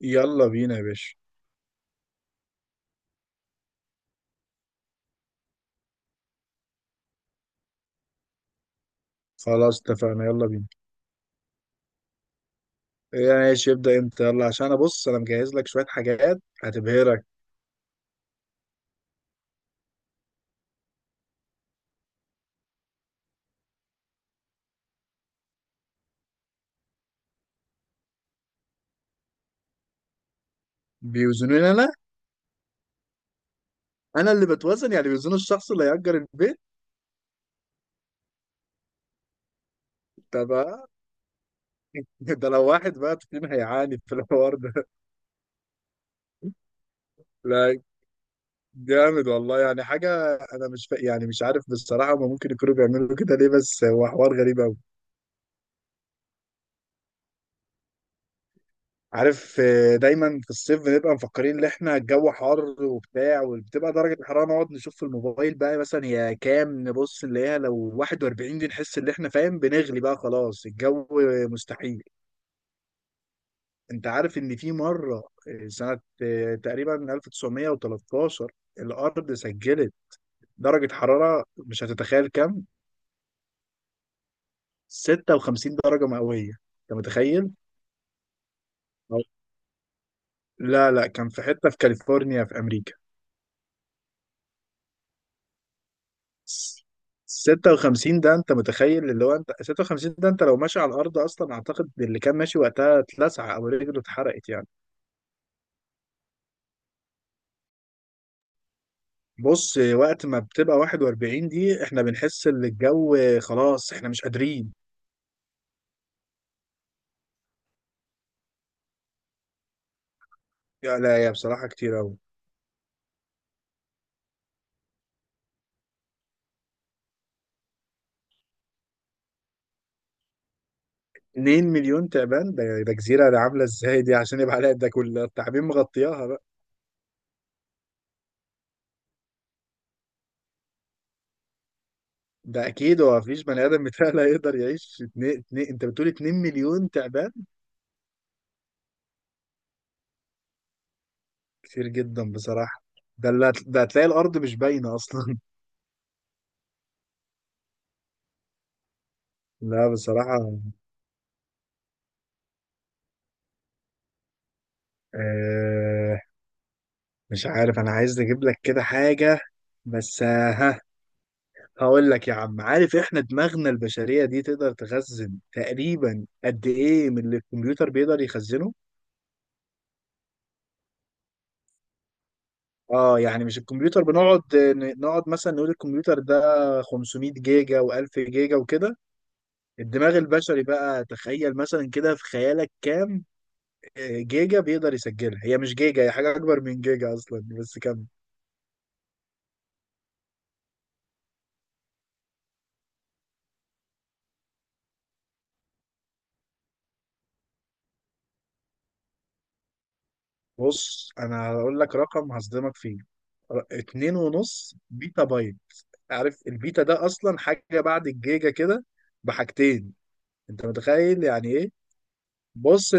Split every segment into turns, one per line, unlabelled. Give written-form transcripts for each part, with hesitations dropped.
يلا بينا يا باشا. خلاص اتفقنا، يلا بينا. إيه، ماشي، ابدأ انت، يلا عشان انا، بص، انا مجهز لك شوية حاجات هتبهرك. بيوزنوني انا؟ انا اللي بتوزن؟ يعني بيوزنوا الشخص اللي هيأجر البيت. ده بقى ده لو واحد بقى فينا هيعاني في الحوار ده لا، جامد والله، يعني حاجة انا مش يعني مش عارف بصراحة، ما ممكن يكونوا بيعملوا كده ليه، بس هو حوار غريب قوي. عارف، دايما في الصيف بنبقى مفكرين ان احنا الجو حر وبتاع، وبتبقى درجة الحرارة نقعد نشوف في الموبايل بقى، مثلا هي كام، نبص نلاقيها لو 41 دي نحس ان احنا فاهم بنغلي بقى، خلاص الجو. مستحيل. انت عارف ان في مرة، سنة تقريبا 1913 الارض سجلت درجة حرارة مش هتتخيل كام. 56 درجة مئوية، انت متخيل؟ لا لا، كان في حتة في كاليفورنيا في امريكا. 56 ده انت متخيل؟ اللي هو انت 56 ده انت لو ماشي على الارض اصلا اعتقد اللي كان ماشي وقتها اتلسع او رجله اتحرقت يعني. بص، وقت ما بتبقى 41 دي احنا بنحس ان الجو خلاص احنا مش قادرين. يا لا يا بصراحة كتير قوي. 2 مليون تعبان، ده جزيرة ده عاملة ازاي دي عشان يبقى عليها ده كل التعابين مغطياها بقى. ده اكيد هو مفيش بني ادم متهيألي هيقدر يعيش اتنين اتنين، انت بتقول 2 مليون تعبان. كتير جدا بصراحة. ده اللي هت- ده هتلاقي الارض مش باينة اصلا. لا بصراحة. آه مش عارف، أنا عايز أجيب لك كده حاجة. بس ها، هقول لك يا عم. عارف إحنا دماغنا البشرية دي تقدر تخزن تقريبا قد إيه من اللي الكمبيوتر بيقدر يخزنه؟ يعني مش الكمبيوتر بنقعد نقعد مثلا نقول الكمبيوتر ده 500 جيجا و1000 جيجا وكده. الدماغ البشري بقى، تخيل مثلا كده في خيالك كام جيجا بيقدر يسجلها. هي مش جيجا، هي حاجة أكبر من جيجا أصلا بس. بص انا هقول لك رقم هصدمك فيه. 2.5 بيتا بايت. عارف البيتا ده اصلا حاجة بعد الجيجا كده بحاجتين؟ انت متخيل يعني ايه؟ بص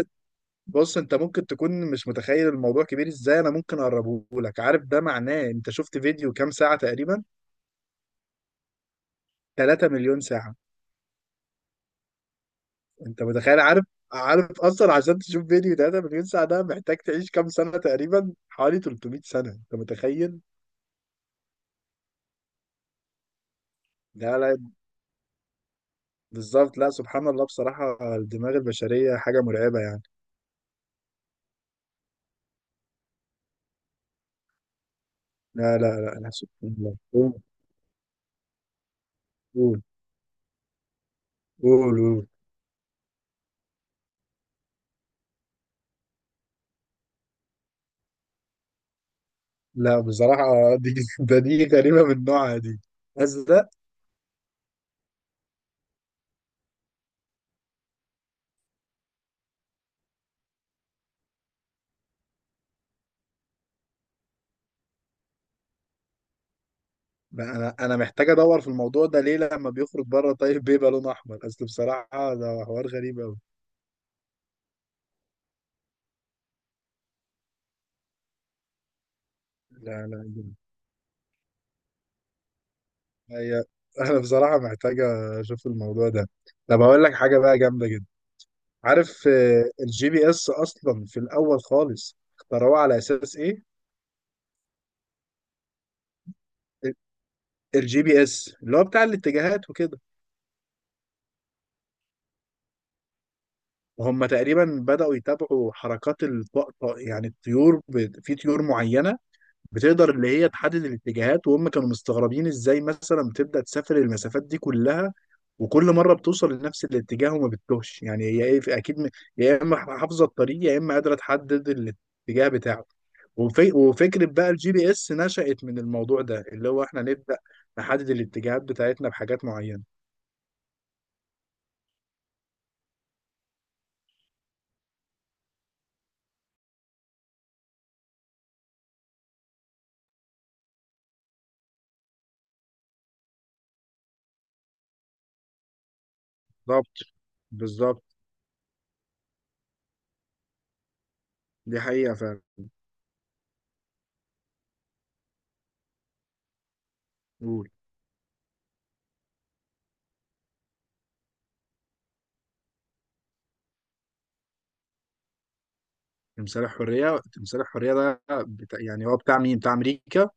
بص، انت ممكن تكون مش متخيل الموضوع كبير ازاي، انا ممكن اقربه لك. عارف ده معناه انت شفت فيديو كام ساعة تقريبا؟ 3 مليون ساعة. انت متخيل؟ عارف اصلا عشان تشوف فيديو 3 مليون ساعة ده محتاج تعيش كام سنة؟ تقريبا حوالي 300 سنة، انت متخيل؟ لا لا، بالظبط. لا سبحان الله، بصراحة الدماغ البشرية حاجة مرعبة يعني. لا لا لا لا، سبحان الله، قول. قول قول قول لا بصراحة. دي دي غريبة من نوعها دي. أزرق؟ بقى أنا محتاج أدور في الموضوع ده ليه لما بيخرج بره طيب بيبقى لون أحمر؟ أصل بصراحة ده حوار غريب أوي. لا لا، هي أنا بصراحة محتاج أشوف الموضوع ده. طب هقول لك حاجة بقى جامدة جدا. عارف الجي بي إس أصلا في الأول خالص اخترعوه على أساس إيه؟ الجي بي اس اللي هو بتاع الاتجاهات وكده. وهم تقريبا بدأوا يتابعوا حركات الطقطق، يعني الطيور، في طيور معينة بتقدر، اللي هي تحدد الاتجاهات، وهم كانوا مستغربين ازاي مثلا بتبدأ تسافر المسافات دي كلها وكل مرة بتوصل لنفس الاتجاه وما بتتوهش، يعني هي ايه؟ اكيد، يا اما حافظة الطريق يا اما قادرة تحدد الاتجاه بتاعه. وفكرة بقى الجي بي اس نشأت من الموضوع ده، اللي هو احنا نبدأ نحدد الاتجاهات بتاعتنا بحاجات معينة. بالظبط بالظبط، دي حقيقة فعلا. قول. تمثال الحرية، تمثال الحرية ده بتاع، يعني هو بتاع مين؟ بتاع أمريكا اه.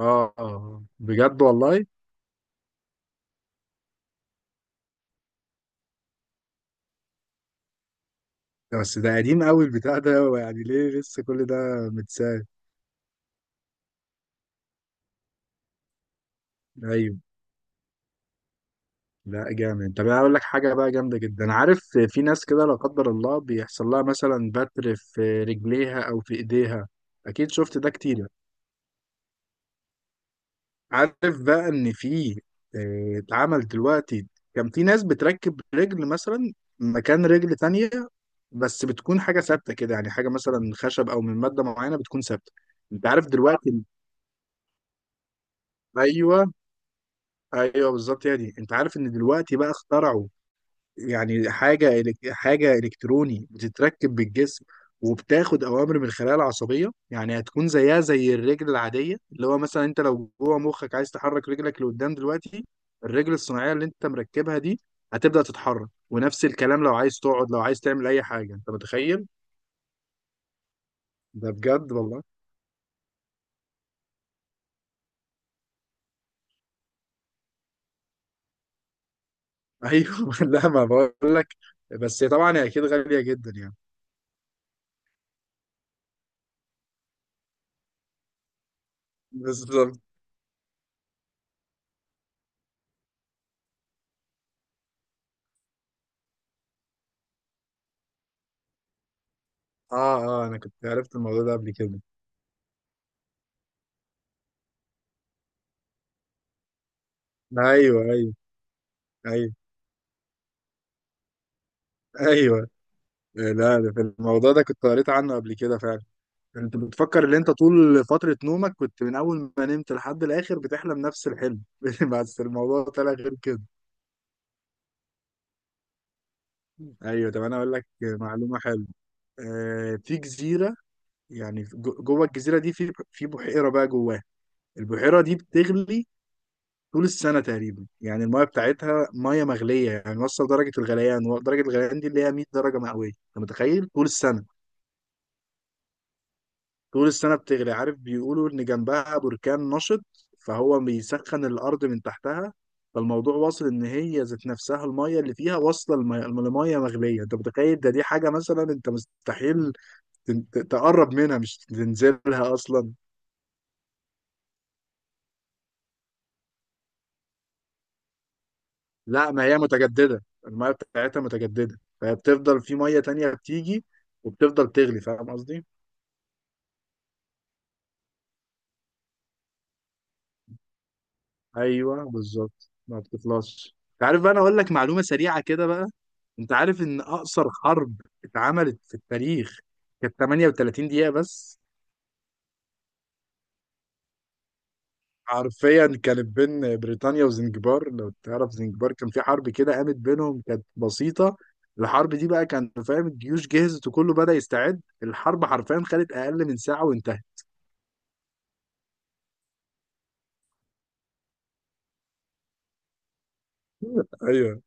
آه، آه. بجد والله؟ ده بس ده قديم قوي البتاع ده، هو يعني ليه لسه كل ده متساب؟ ايوه. لا جامد. طب انا اقول لك حاجه بقى جامده جدا. عارف في ناس كده لا قدر الله بيحصل لها مثلا بتر في رجليها او في ايديها؟ اكيد شفت ده كتير. عارف بقى ان في، اتعمل دلوقتي، كان في ناس بتركب رجل مثلا مكان رجل تانية، بس بتكون حاجة ثابتة كده، يعني حاجة مثلا خشب أو من مادة معينة بتكون ثابتة. أنت عارف دلوقتي؟ أيوه. أيوه بالظبط، هي دي. أنت عارف إن دلوقتي بقى اخترعوا يعني حاجة إلكتروني بتتركب بالجسم وبتاخد أوامر من الخلايا العصبية، يعني هتكون زيها زي الرجل العادية، اللي هو مثلا أنت لو جوه مخك عايز تحرك رجلك لقدام دلوقتي، الرجل الصناعية اللي أنت مركبها دي هتبدأ تتحرك، ونفس الكلام لو عايز تقعد لو عايز تعمل أي حاجة، أنت متخيل؟ ده بجد والله. أيوه لا، ما بقول لك، بس طبعا هي أكيد غالية جدا يعني. بالظبط. آه آه، أنا كنت عرفت الموضوع ده قبل كده. أيوه أيوه، أيوه أيوه. إيه، لا ده في الموضوع ده كنت قريت عنه قبل كده فعلا. انت بتفكر ان انت طول فترة نومك كنت من اول ما نمت لحد الاخر بتحلم نفس الحلم بس الموضوع طلع غير كده. ايوه. طب انا اقول لك معلومة حلوة. في جزيرة، يعني جوه الجزيرة دي في بحيرة بقى جواها. البحيرة دي بتغلي طول السنة تقريبا، يعني المايه بتاعتها ميه مغلية، يعني وصل درجة الغليان، درجة الغليان دي اللي هي 100 درجة مئوية، انت متخيل طول السنة؟ طول السنة بتغلي. عارف بيقولوا إن جنبها بركان نشط فهو بيسخن الأرض من تحتها، فالموضوع واصل إن هي ذات نفسها المية اللي فيها واصلة لمية مغلية، أنت متخيل؟ ده دي حاجة مثلا أنت مستحيل تقرب منها، مش تنزلها أصلا. لا، ما هي متجددة، المية بتاعتها متجددة، فبتفضل في مية تانية بتيجي وبتفضل تغلي، فاهم قصدي؟ أيوه بالظبط، ما بتخلصش. عارف بقى، أنا أقول لك معلومة سريعة كده بقى. انت عارف ان اقصر حرب اتعملت في التاريخ كانت 38 دقيقة بس؟ حرفيا كانت بين بريطانيا وزنجبار، لو تعرف زنجبار. كان في حرب كده قامت بينهم كانت بسيطة، الحرب دي بقى كان فاهم الجيوش جهزت وكله بدأ يستعد، الحرب حرفيا خدت اقل من ساعة وانتهت. ايوه،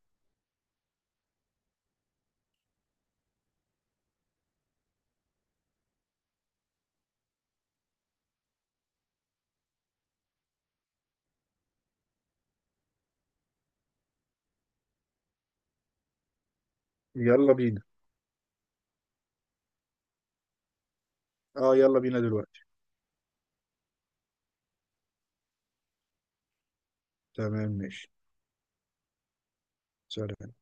يلا بينا. اه يلا بينا دلوقتي. تمام ماشي. سلام.